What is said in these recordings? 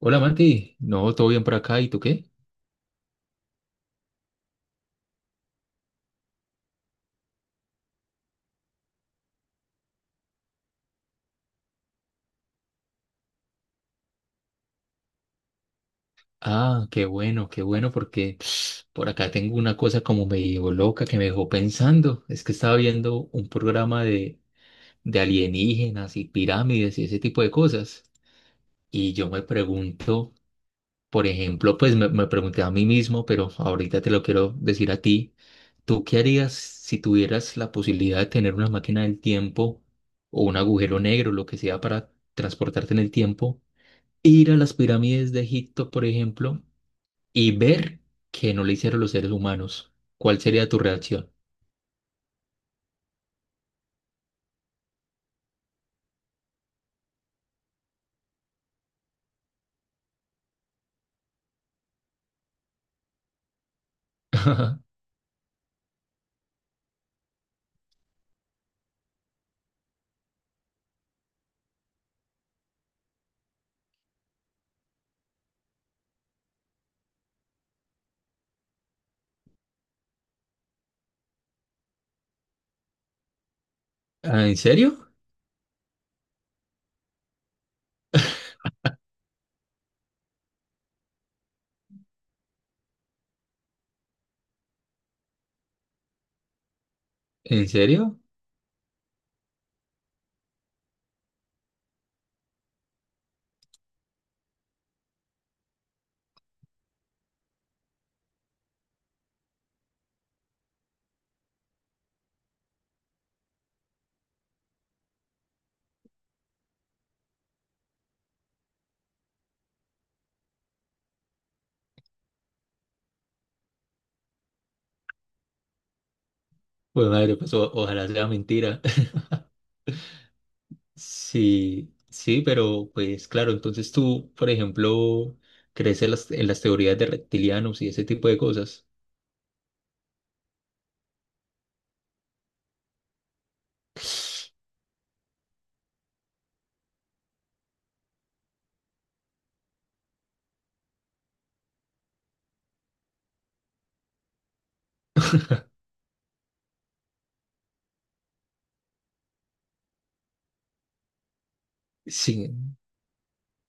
Hola Mati, no, todo bien por acá, ¿y tú qué? Ah, qué bueno, porque por acá tengo una cosa como medio loca que me dejó pensando. Es que estaba viendo un programa de alienígenas y pirámides y ese tipo de cosas. Y yo me pregunto, por ejemplo, pues me pregunté a mí mismo, pero ahorita te lo quiero decir a ti. ¿Tú qué harías si tuvieras la posibilidad de tener una máquina del tiempo o un agujero negro, lo que sea, para transportarte en el tiempo? Ir a las pirámides de Egipto, por ejemplo, y ver que no le hicieron los seres humanos, ¿cuál sería tu reacción? Ah, ¿en serio? ¿En serio? Pues madre, pues ojalá sea mentira. Sí, sí, pero pues claro, entonces tú, por ejemplo, crees en las teorías de reptilianos y ese tipo de cosas. Sí,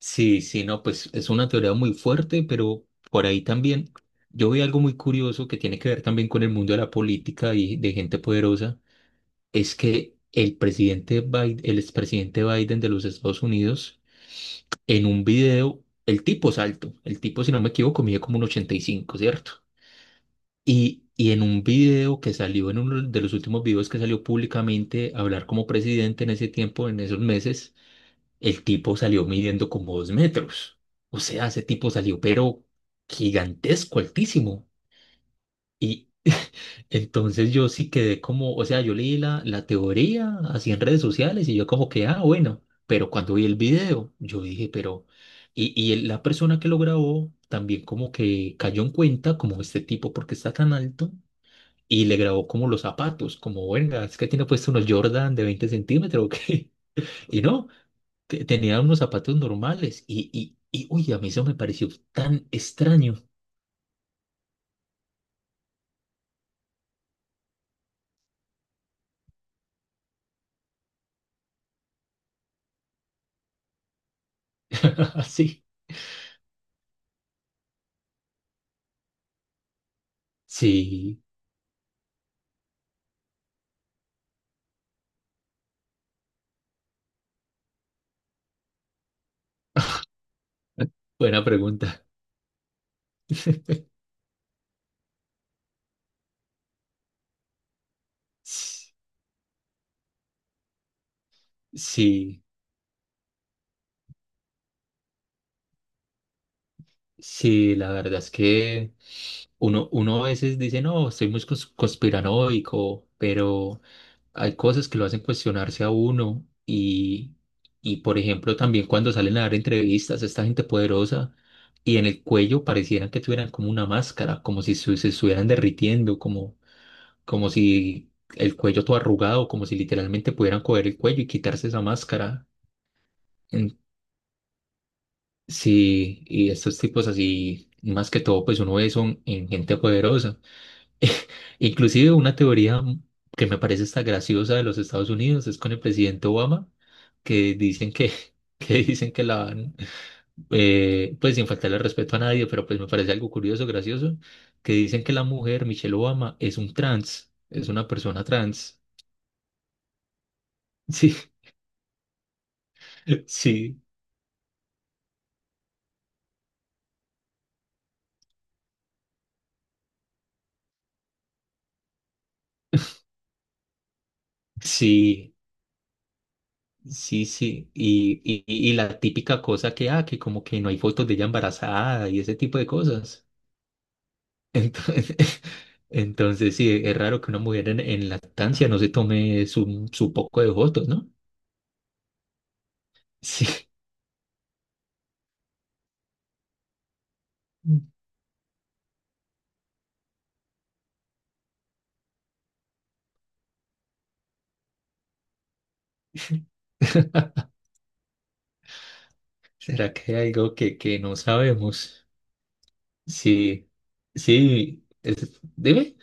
sí, sí, no, pues es una teoría muy fuerte, pero por ahí también yo vi algo muy curioso que tiene que ver también con el mundo de la política y de gente poderosa. Es que el presidente Biden, el expresidente Biden de los Estados Unidos, en un video, el tipo es alto, el tipo, si no me equivoco, mide como un 1,85, ¿cierto? Y en un video que salió, en uno de los últimos videos que salió públicamente a hablar como presidente en ese tiempo, en esos meses, el tipo salió midiendo como 2 metros. O sea, ese tipo salió, pero gigantesco, altísimo. Y entonces yo sí quedé como, o sea, yo leí la teoría así en redes sociales y yo como que, ah, bueno, pero cuando vi el video, yo dije, pero, y la persona que lo grabó también como que cayó en cuenta como este tipo, porque está tan alto, y le grabó como los zapatos, como, venga, es que tiene puesto unos Jordan de 20 centímetros, ¿o qué? Y no, tenía unos zapatos normales y, uy, a mí eso me pareció tan extraño. Sí, sí, buena pregunta. S- Sí, sí, la verdad es que uno a veces dice, no, soy muy conspiranoico, pero hay cosas que lo hacen cuestionarse a uno. Y, y, por ejemplo, también cuando salen a dar entrevistas, esta gente poderosa y en el cuello parecieran que tuvieran como una máscara, como si se estuvieran derritiendo, como como si el cuello todo arrugado, como si literalmente pudieran coger el cuello y quitarse esa máscara. En- sí, y estos tipos así, más que todo, pues uno ve son en gente poderosa. Inclusive una teoría que me parece esta graciosa de los Estados Unidos es con el presidente Obama, que dicen que, que dicen que la van, pues sin faltarle respeto a nadie, pero pues me parece algo curioso, gracioso, que dicen que la mujer, Michelle Obama, es un trans, es una persona trans. Sí, sí, sí, sí, sí. Y la típica cosa que, ah, que como que no hay fotos de ella embarazada y ese tipo de cosas. Entonces, entonces sí, es raro que una mujer en lactancia no se tome su, su poco de fotos, ¿no? Sí. ¿Será que hay algo que no sabemos? Sí, sí, dime.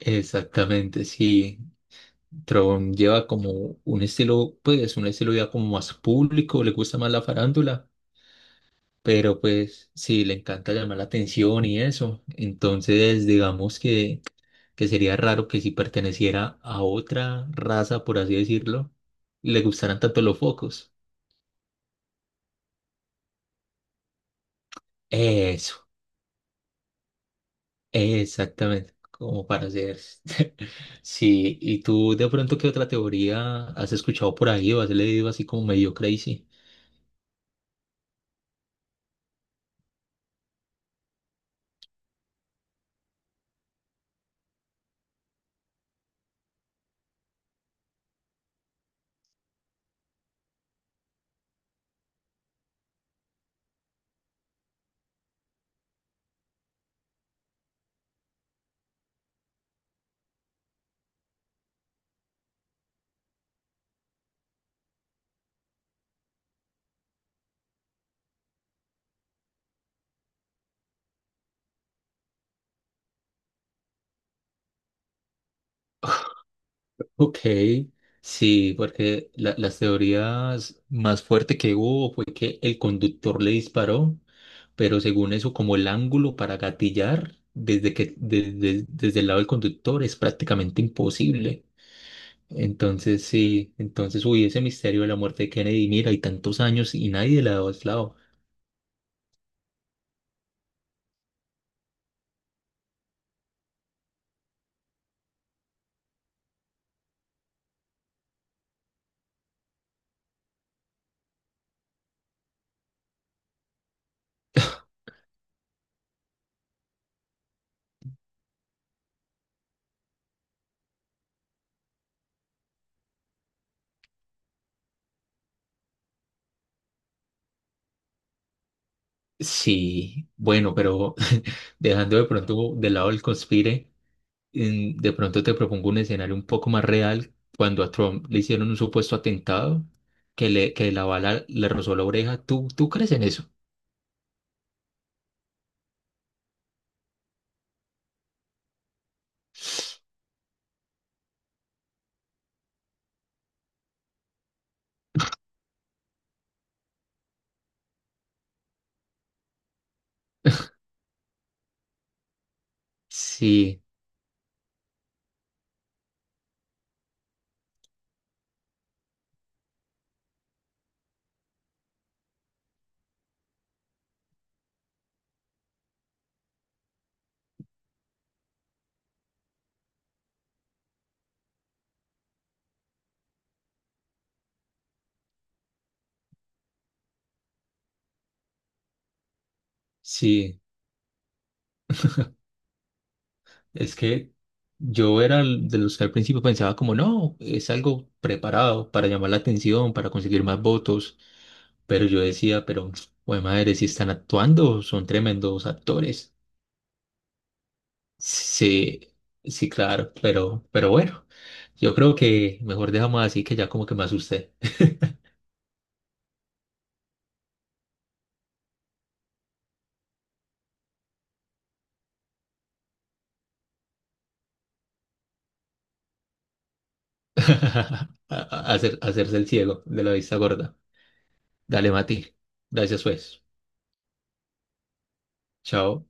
Exactamente, sí. Tron lleva como un estilo, pues un estilo ya como más público, le gusta más la farándula, pero pues sí, le encanta llamar la atención y eso. Entonces, digamos que sería raro que si perteneciera a otra raza, por así decirlo, le gustaran tanto los focos. Eso, exactamente, como para hacer. Sí, ¿y tú de pronto qué otra teoría has escuchado por ahí o has leído así como medio crazy? Ok, sí, porque las teorías más fuerte que hubo fue que el conductor le disparó, pero según eso, como el ángulo para gatillar desde que desde el lado del conductor es prácticamente imposible. Entonces, sí, entonces, uy, ese misterio de la muerte de Kennedy, mira, hay tantos años y nadie le ha dado lado. Sí, bueno, pero dejando de pronto de lado el conspire. De pronto te propongo un escenario un poco más real cuando a Trump le hicieron un supuesto atentado que le que la bala le rozó la oreja. ¿Tú, tú crees en eso? Sí, sí. Es que yo era de los que al principio pensaba como no, es algo preparado para llamar la atención, para conseguir más votos. Pero yo decía, pero, bueno, madre, si están actuando, son tremendos actores. Sí, sí, claro, pero bueno, yo creo que mejor dejamos así que ya como que me asusté. Hacer, hacerse el ciego de la vista gorda. Dale, Mati. Gracias, pues. Chao.